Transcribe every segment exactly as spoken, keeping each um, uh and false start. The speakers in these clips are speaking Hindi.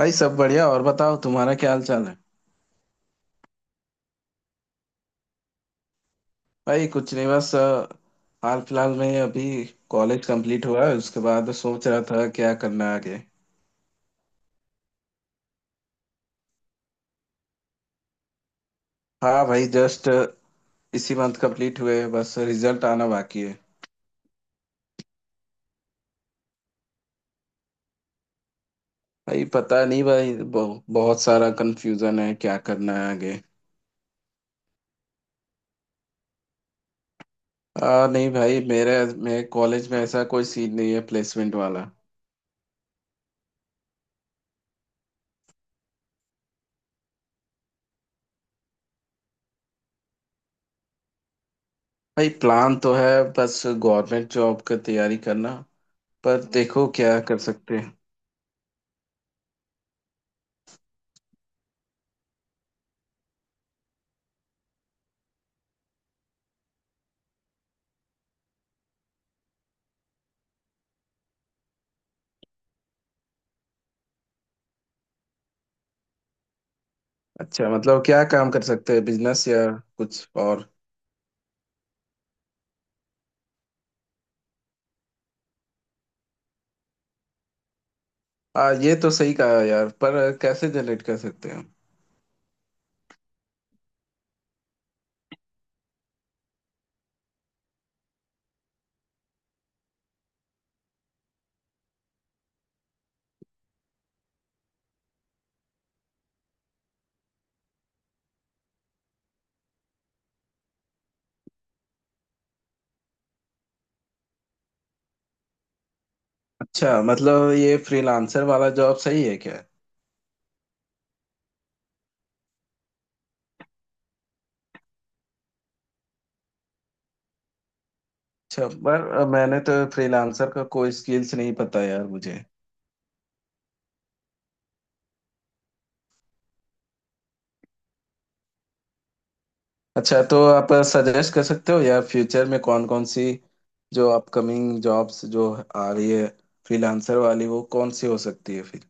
भाई सब बढ़िया और बताओ तुम्हारा क्या हाल चाल है। भाई कुछ नहीं बस अ, हाल फिलहाल में अभी कॉलेज कंप्लीट हुआ है उसके बाद सोच रहा था क्या करना है आगे। हाँ भाई जस्ट इसी मंथ कंप्लीट हुए बस रिजल्ट आना बाकी है। भाई पता नहीं भाई बहु, बहुत सारा कंफ्यूजन है क्या करना है आगे। आ, नहीं भाई मेरे मेरे कॉलेज में ऐसा कोई सीन नहीं है प्लेसमेंट वाला। भाई प्लान तो है बस गवर्नमेंट जॉब का तैयारी करना पर देखो क्या कर सकते हैं। अच्छा मतलब क्या काम कर सकते हैं बिजनेस या कुछ और। आ, ये तो सही कहा यार पर कैसे जनरेट कर सकते हैं। अच्छा मतलब ये फ्रीलांसर वाला जॉब सही है क्या? अच्छा पर अ, मैंने तो फ्रीलांसर का कोई स्किल्स नहीं पता यार मुझे। अच्छा तो आप सजेस्ट कर सकते हो यार फ्यूचर में कौन कौन सी जो अपकमिंग जॉब्स जो आ रही है फ्रीलांसर वाली वो कौन सी हो सकती है फिर?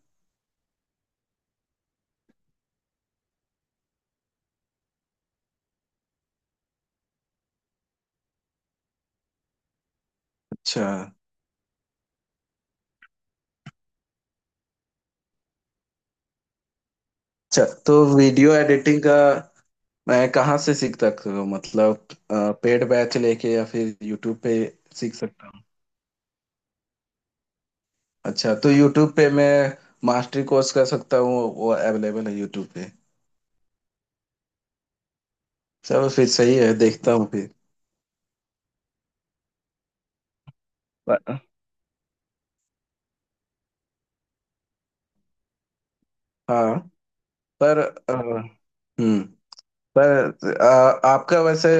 अच्छा। अच्छा तो वीडियो एडिटिंग का मैं कहाँ से सीख सकता हूँ मतलब अ, पेड बैच लेके या फिर यूट्यूब पे सीख सकता हूँ? अच्छा तो यूट्यूब पे मैं मास्टरी कोर्स कर सकता हूँ वो अवेलेबल है यूट्यूब पे। चलो फिर सही है देखता हूँ फिर। पर, हाँ। पर अ, हम्म पर अ, आपका वैसे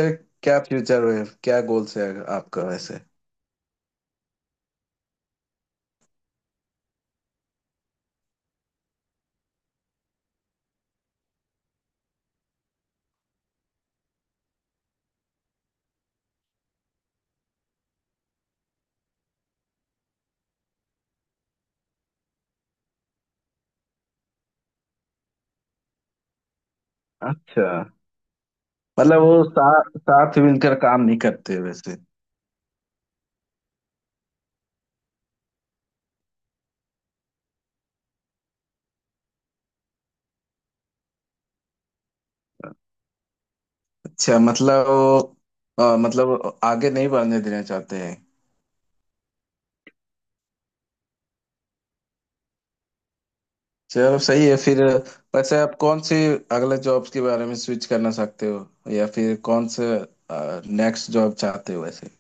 क्या फ्यूचर है क्या गोल्स है आपका वैसे? अच्छा मतलब वो साथ साथ मिलकर काम नहीं करते वैसे? अच्छा मतलब वो अ, मतलब आगे नहीं बढ़ने देना चाहते हैं। चलो सही है फिर। वैसे आप कौन से अगले जॉब्स के बारे में स्विच करना चाहते हो या फिर कौन से नेक्स्ट जॉब चाहते हो वैसे?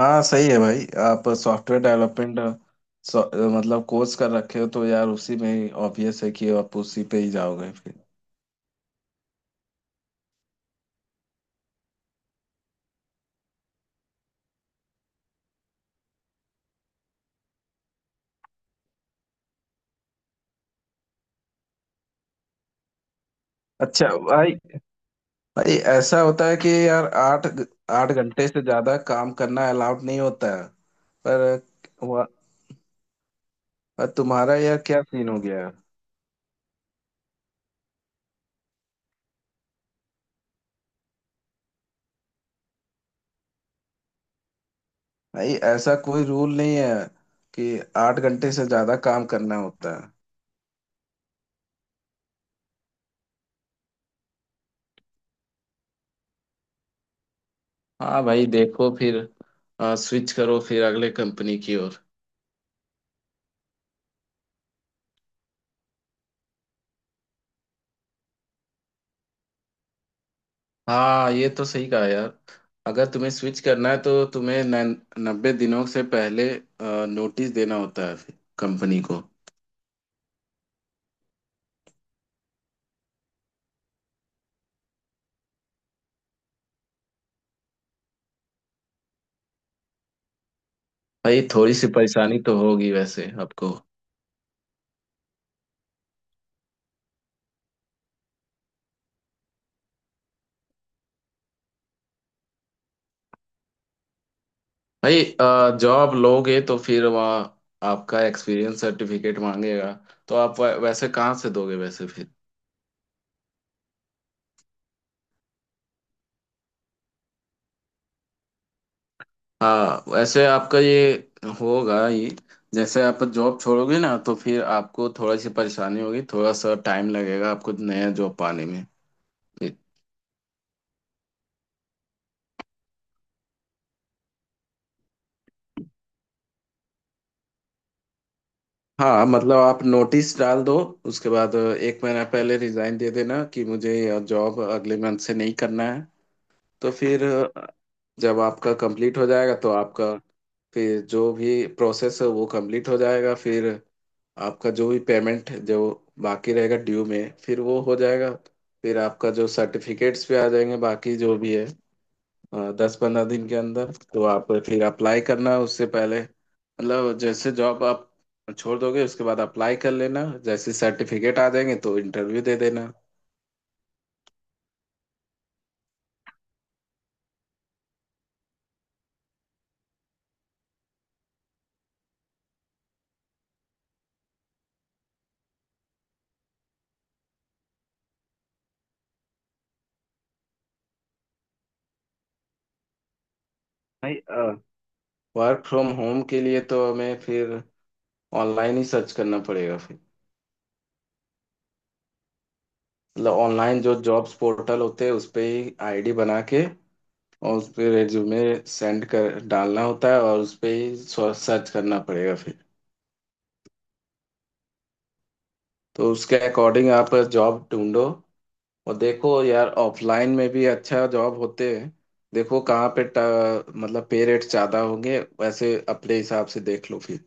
हाँ सही है भाई आप सॉफ्टवेयर डेवलपमेंट मतलब कोर्स कर रखे हो तो यार उसी में ही ऑब्वियस है कि आप उसी पे ही जाओगे फिर। अच्छा भाई। भाई ऐसा होता है कि यार आठ आठ घंटे से ज्यादा काम करना अलाउड नहीं होता है। पर वह- पर तुम्हारा यार क्या सीन हो गया? भाई ऐसा कोई रूल नहीं है कि आठ घंटे से ज्यादा काम करना होता है। हाँ भाई देखो फिर स्विच करो फिर अगले कंपनी की ओर। हाँ ये तो सही कहा यार। अगर तुम्हें स्विच करना है तो तुम्हें नन- नब्बे दिनों से पहले नोटिस देना होता है फिर कंपनी को। भाई थोड़ी सी परेशानी तो होगी वैसे आपको। भाई जॉब लोगे तो फिर वहाँ आपका एक्सपीरियंस सर्टिफिकेट मांगेगा तो आप वै- वैसे कहाँ से दोगे वैसे? हाँ वैसे आपका ये होगा ये जैसे आप जॉब छोड़ोगे ना तो फिर आपको थोड़ी सी परेशानी होगी थोड़ा सा टाइम लगेगा आपको नया जॉब पाने में। हाँ मतलब आप नोटिस डाल दो उसके बाद एक महीना पहले रिजाइन दे देना कि मुझे यह जॉब अगले मंथ से नहीं करना है। तो फिर जब आपका कंप्लीट हो जाएगा तो आपका फिर जो भी प्रोसेस है वो कंप्लीट हो जाएगा फिर। आपका जो भी पेमेंट जो बाकी रहेगा ड्यू में फिर वो हो जाएगा। फिर आपका जो सर्टिफिकेट्स भी आ जाएंगे बाकी जो भी है दस पंद्रह दिन के अंदर तो आप फिर अप्लाई करना उससे पहले मतलब जैसे जॉब आप छोड़ दोगे उसके बाद अप्लाई कर लेना जैसे सर्टिफिकेट आ जाएंगे तो इंटरव्यू दे देना। भाई अ, वर्क फ्रॉम होम के लिए तो हमें फिर ऑनलाइन ही सर्च करना पड़ेगा फिर। मतलब ऑनलाइन जो जॉब्स पोर्टल होते हैं उस पे ही आईडी बना के और उस पे रिज्यूमे सेंड कर डालना होता है और उस पे ही सर्च करना पड़ेगा फिर। तो उसके अकॉर्डिंग आप जॉब ढूंढो। और देखो यार ऑफलाइन में भी अच्छा जॉब होते हैं। देखो कहाँ पे ट- मतलब पे रेट ज़्यादा होंगे वैसे अपने हिसाब से देख लो फिर।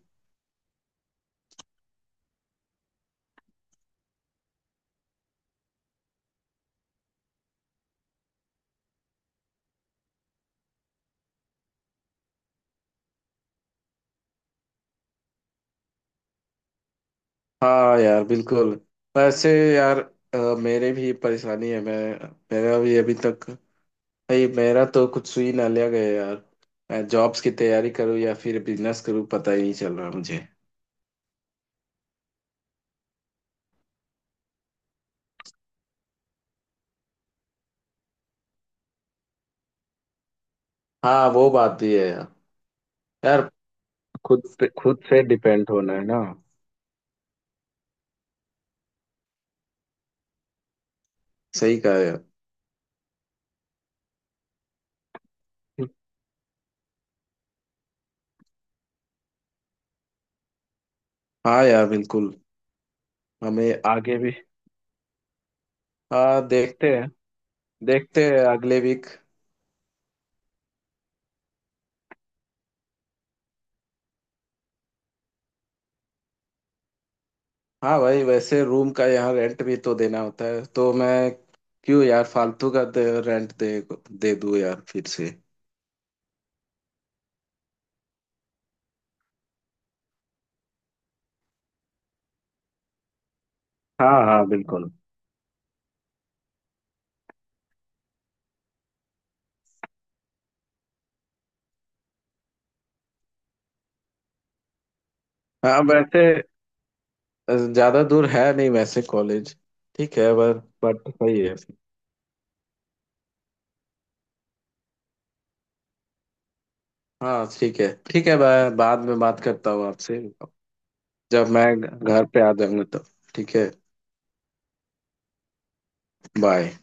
हाँ यार बिल्कुल। वैसे यार अ, मेरे भी परेशानी है। मैं मेरा भी अभी तक भाई मेरा तो कुछ सुई ना लिया गया यार। मैं जॉब्स की तैयारी करूँ या फिर बिजनेस करूँ पता ही नहीं चल रहा मुझे। हाँ वो बात भी है यार। यार खुद पे खुद से डिपेंड होना है ना। सही कहा यार। हाँ यार बिल्कुल। हमें आगे भी। हाँ देखते हैं। देखते हैं अगले वीक। हाँ भाई वैसे रूम का यहाँ रेंट भी तो देना होता है तो मैं क्यों यार फालतू का दे, रेंट दे दे दूँ यार फिर से। हाँ हाँ बिल्कुल। हाँ वैसे ज्यादा दूर है नहीं वैसे कॉलेज। ठीक है पर बट सही है। हाँ ठीक है ठीक है मैं बाद में बात करता हूँ आपसे। जब मैं घ- घर पे आ जाऊंगा तब ठीक है। बाय।